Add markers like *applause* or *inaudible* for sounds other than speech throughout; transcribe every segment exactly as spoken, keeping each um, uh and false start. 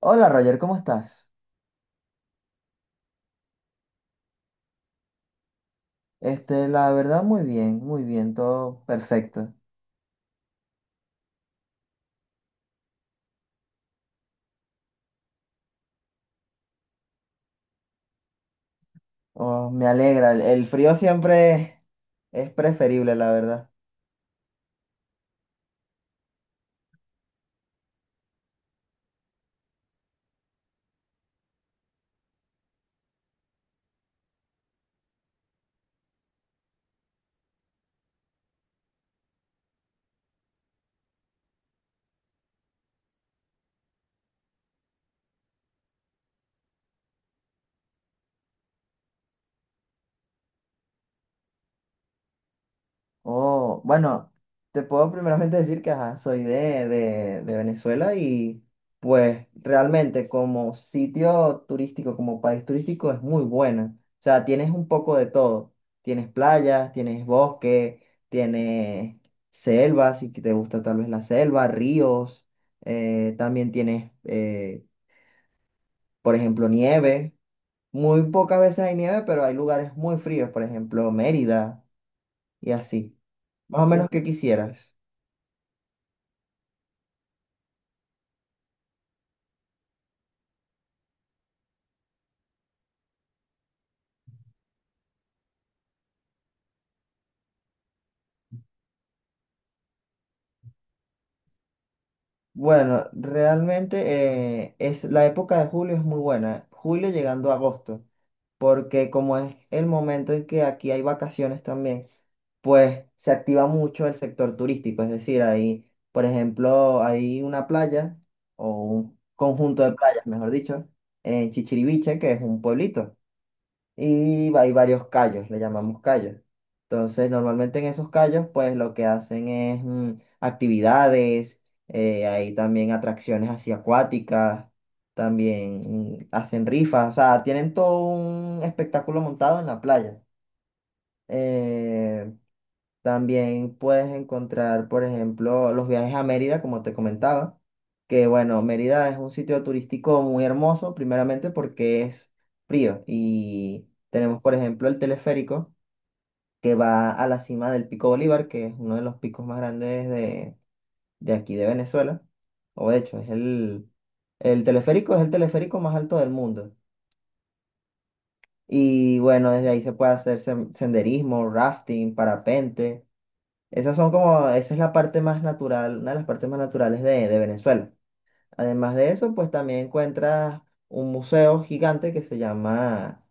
Hola Roger, ¿cómo estás? Este, la verdad, muy bien, muy bien, todo perfecto. Oh, me alegra, el, el frío siempre es preferible, la verdad. Oh, bueno, te puedo primeramente decir que ajá, soy de, de, de Venezuela y pues realmente como sitio turístico, como país turístico es muy buena. O sea, tienes un poco de todo. Tienes playas, tienes bosque, tienes selvas, si te gusta tal vez la selva, ríos, eh, también tienes, eh, por ejemplo, nieve. Muy pocas veces hay nieve, pero hay lugares muy fríos, por ejemplo, Mérida y así. Más o menos que quisieras. Bueno, realmente eh, es, la época de julio es muy buena, julio llegando a agosto, porque como es el momento en que aquí hay vacaciones también, pues se activa mucho el sector turístico, es decir, ahí, por ejemplo, hay una playa o un conjunto de playas, mejor dicho, en Chichiriviche, que es un pueblito y hay varios callos, le llamamos callos. Entonces, normalmente en esos callos, pues lo que hacen es mm, actividades, eh, hay también atracciones así acuáticas, también mm, hacen rifas, o sea, tienen todo un espectáculo montado en la playa. Eh, también puedes encontrar, por ejemplo, los viajes a Mérida, como te comentaba, que bueno, Mérida es un sitio turístico muy hermoso, primeramente porque es frío y tenemos, por ejemplo, el teleférico que va a la cima del Pico Bolívar, que es uno de los picos más grandes de, de aquí de Venezuela, o de hecho, es el, el teleférico es el teleférico más alto del mundo. Y bueno, desde ahí se puede hacer sen- senderismo, rafting, parapente. Esas son como, esa es la parte más natural, una de las partes más naturales de, de Venezuela. Además de eso, pues también encuentras un museo gigante que se llama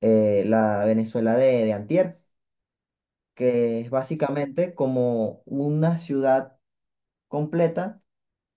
eh, la Venezuela de, de Antier, que es básicamente como una ciudad completa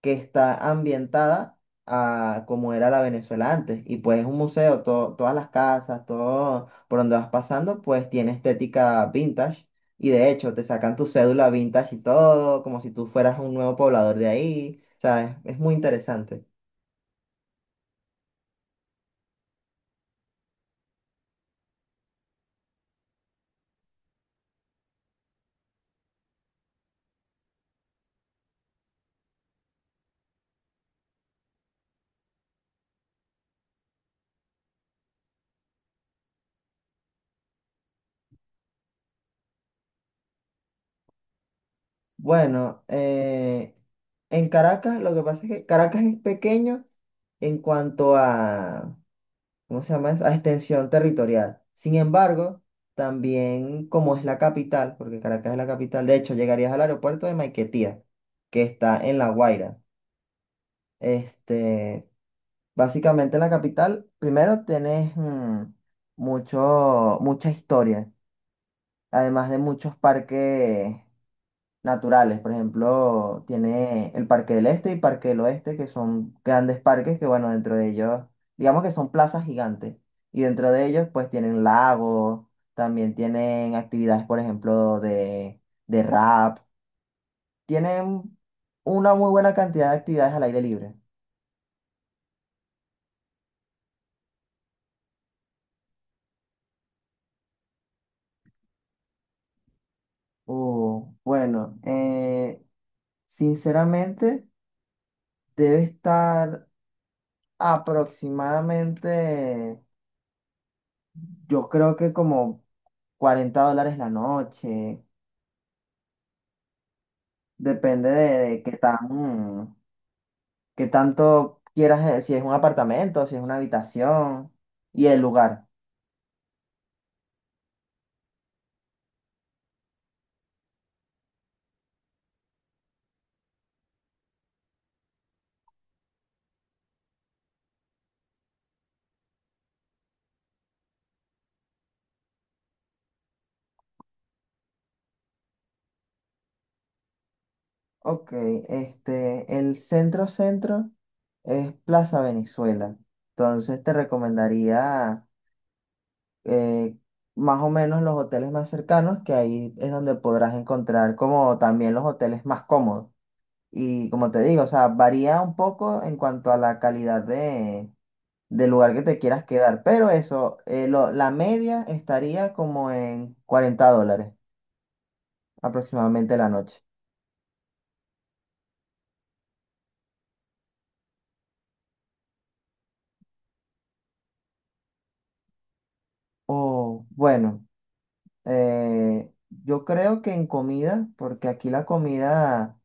que está ambientada a como era la Venezuela antes. Y pues es un museo, to- todas las casas, todo por donde vas pasando, pues tiene estética vintage. Y de hecho, te sacan tu cédula vintage y todo, como si tú fueras un nuevo poblador de ahí. O sea, es, es muy interesante. Bueno, eh, en Caracas, lo que pasa es que Caracas es pequeño en cuanto a ¿cómo se llama eso? A extensión territorial. Sin embargo, también como es la capital, porque Caracas es la capital, de hecho, llegarías al aeropuerto de Maiquetía, que está en La Guaira. Este, básicamente en la capital, primero tenés mm, mucho, mucha historia, además de muchos parques naturales. Por ejemplo, tiene el Parque del Este y Parque del Oeste, que son grandes parques que, bueno, dentro de ellos, digamos que son plazas gigantes. Y dentro de ellos, pues tienen lagos, también tienen actividades, por ejemplo, de, de rap. Tienen una muy buena cantidad de actividades al aire libre. Uh, bueno, eh, sinceramente, debe estar aproximadamente, yo creo que como cuarenta dólares la noche. Depende de, de qué tan, qué tanto quieras, eh, si es un apartamento, si es una habitación y el lugar. Ok, este, el centro centro es Plaza Venezuela. Entonces te recomendaría eh, más o menos los hoteles más cercanos, que ahí es donde podrás encontrar como también los hoteles más cómodos. Y como te digo, o sea, varía un poco en cuanto a la calidad de del lugar que te quieras quedar. Pero eso, eh, lo- la media estaría como en cuarenta dólares aproximadamente la noche. Oh, bueno, eh, yo creo que en comida, porque aquí la comida,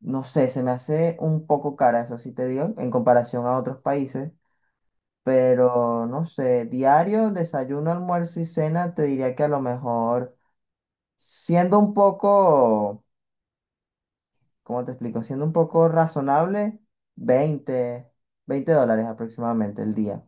no sé, se me hace un poco cara, eso sí te digo, en comparación a otros países. Pero no sé, diario, desayuno, almuerzo y cena, te diría que a lo mejor, siendo un poco cómo te explico, siendo un poco razonable, veinte, veinte dólares aproximadamente el día.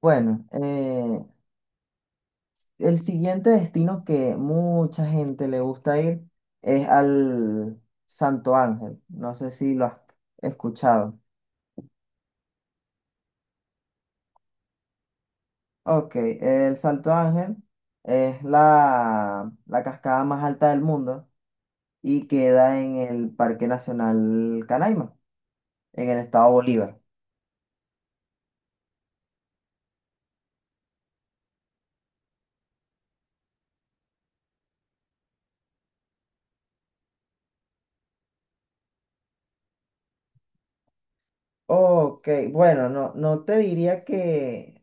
Bueno, eh, el siguiente destino que mucha gente le gusta ir es al Santo Ángel. No sé si lo has escuchado. Ok, el Salto Ángel es la, la cascada más alta del mundo y queda en el Parque Nacional Canaima, en el estado Bolívar. Ok, bueno, no, no te diría que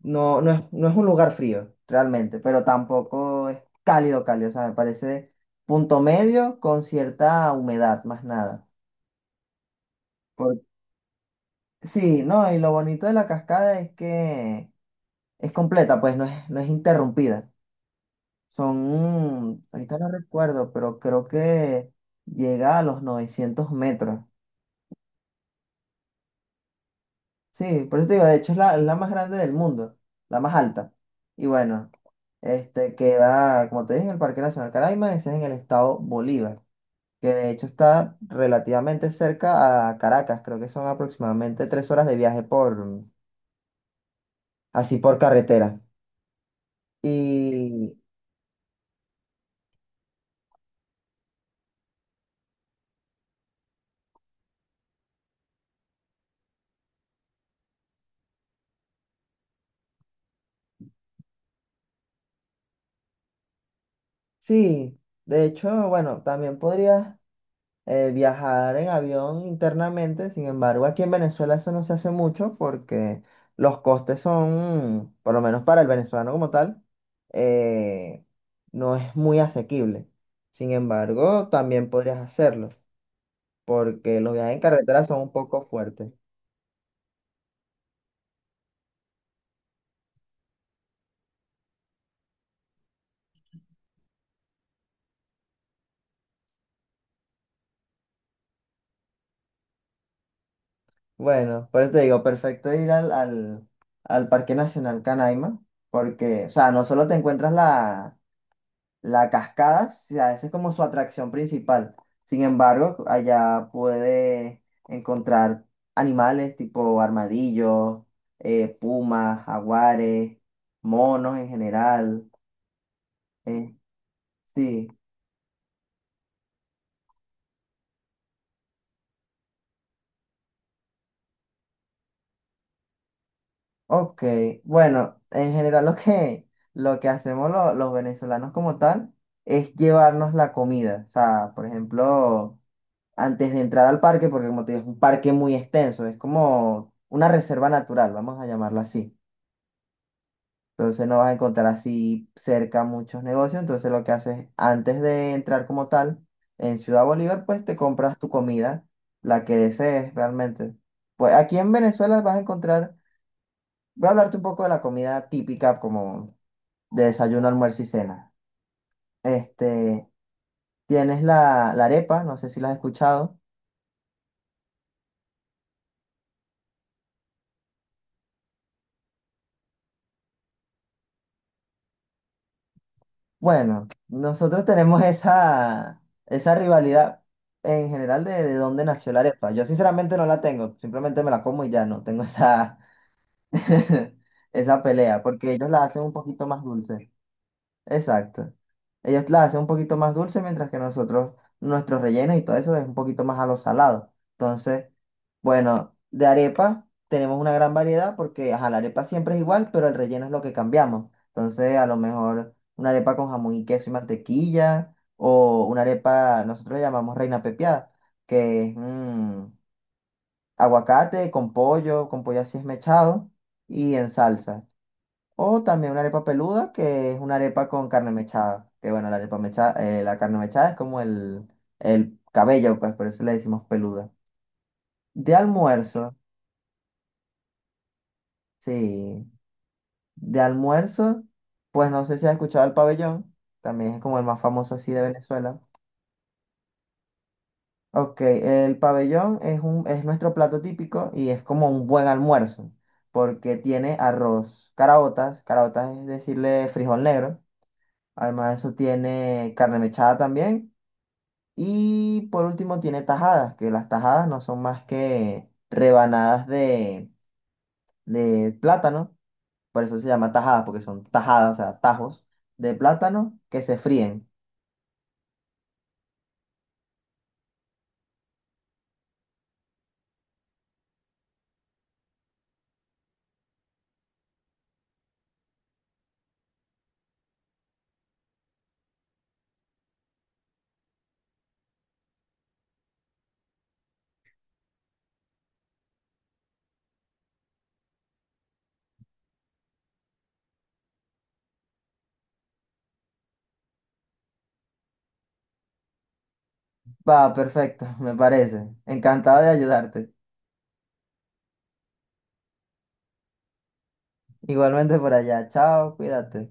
no, no es, no es un lugar frío, realmente, pero tampoco es cálido, cálido, o sea, me parece punto medio con cierta humedad, más nada. Por- sí, no, y lo bonito de la cascada es que es completa, pues no es, no es interrumpida. Son, mm, ahorita no recuerdo, pero creo que llega a los novecientos metros. Sí, por eso te digo, de hecho es la, es la más grande del mundo, la más alta. Y bueno, este queda, como te dije, en el Parque Nacional Caraima, ese es en el estado Bolívar, que de hecho está relativamente cerca a Caracas, creo que son aproximadamente tres horas de viaje por, así por carretera. Y sí, de hecho, bueno, también podrías eh, viajar en avión internamente, sin embargo, aquí en Venezuela eso no se hace mucho porque los costes son, por lo menos para el venezolano como tal, eh, no es muy asequible. Sin embargo, también podrías hacerlo porque los viajes en carretera son un poco fuertes. Bueno, por eso te digo, perfecto ir al, al, al Parque Nacional Canaima, porque, o sea, no solo te encuentras la, la cascada, si- a esa es como su atracción principal. Sin embargo, allá puedes encontrar animales tipo armadillos, eh, pumas, jaguares, monos en general. eh, sí. Ok, bueno, en general lo que, lo que hacemos lo- los venezolanos como tal es llevarnos la comida. O sea, por ejemplo, antes de entrar al parque, porque como te digo, es un parque muy extenso, es como una reserva natural, vamos a llamarla así. Entonces no vas a encontrar así cerca muchos negocios. Entonces lo que haces antes de entrar como tal en Ciudad Bolívar, pues te compras tu comida, la que desees realmente. Pues aquí en Venezuela vas a encontrar... Voy a hablarte un poco de la comida típica como de desayuno, almuerzo y cena. Este, tienes la, la arepa, no sé si la has escuchado. Bueno, nosotros tenemos *laughs* esa, esa rivalidad en general de, de dónde nació la arepa. Yo sinceramente no la tengo, simplemente me la como y ya no tengo esa, *laughs* esa pelea, porque ellos la hacen un poquito más dulce. Exacto. Ellos la hacen un poquito más dulce, mientras que nosotros, nuestro relleno y todo eso es un poquito más a lo salado. Entonces, bueno, de arepa tenemos una gran variedad porque, ajá, la arepa siempre es igual, pero el relleno es lo que cambiamos. Entonces, a lo mejor una arepa con jamón y queso y mantequilla, o una arepa, nosotros le llamamos reina pepiada, que es mm, aguacate con pollo, con pollo así esmechado y en salsa. O también una arepa peluda, que es una arepa con carne mechada. Que bueno, la arepa mechada, eh, la carne mechada es como el, el cabello, pues por eso le decimos peluda. De almuerzo, sí. De almuerzo, pues no sé si has escuchado el pabellón. También es como el más famoso así de Venezuela. Ok, el pabellón es un, es nuestro plato típico y es como un buen almuerzo. Porque tiene arroz, caraotas, caraotas es decirle frijol negro. Además de eso tiene carne mechada también. Y por último tiene tajadas, que las tajadas no son más que rebanadas de, de plátano, por eso se llama tajadas, porque son tajadas, o sea, tajos de plátano que se fríen. Va, perfecto, *laughs* me parece. Encantado de ayudarte. Igualmente por allá. Chao, cuídate.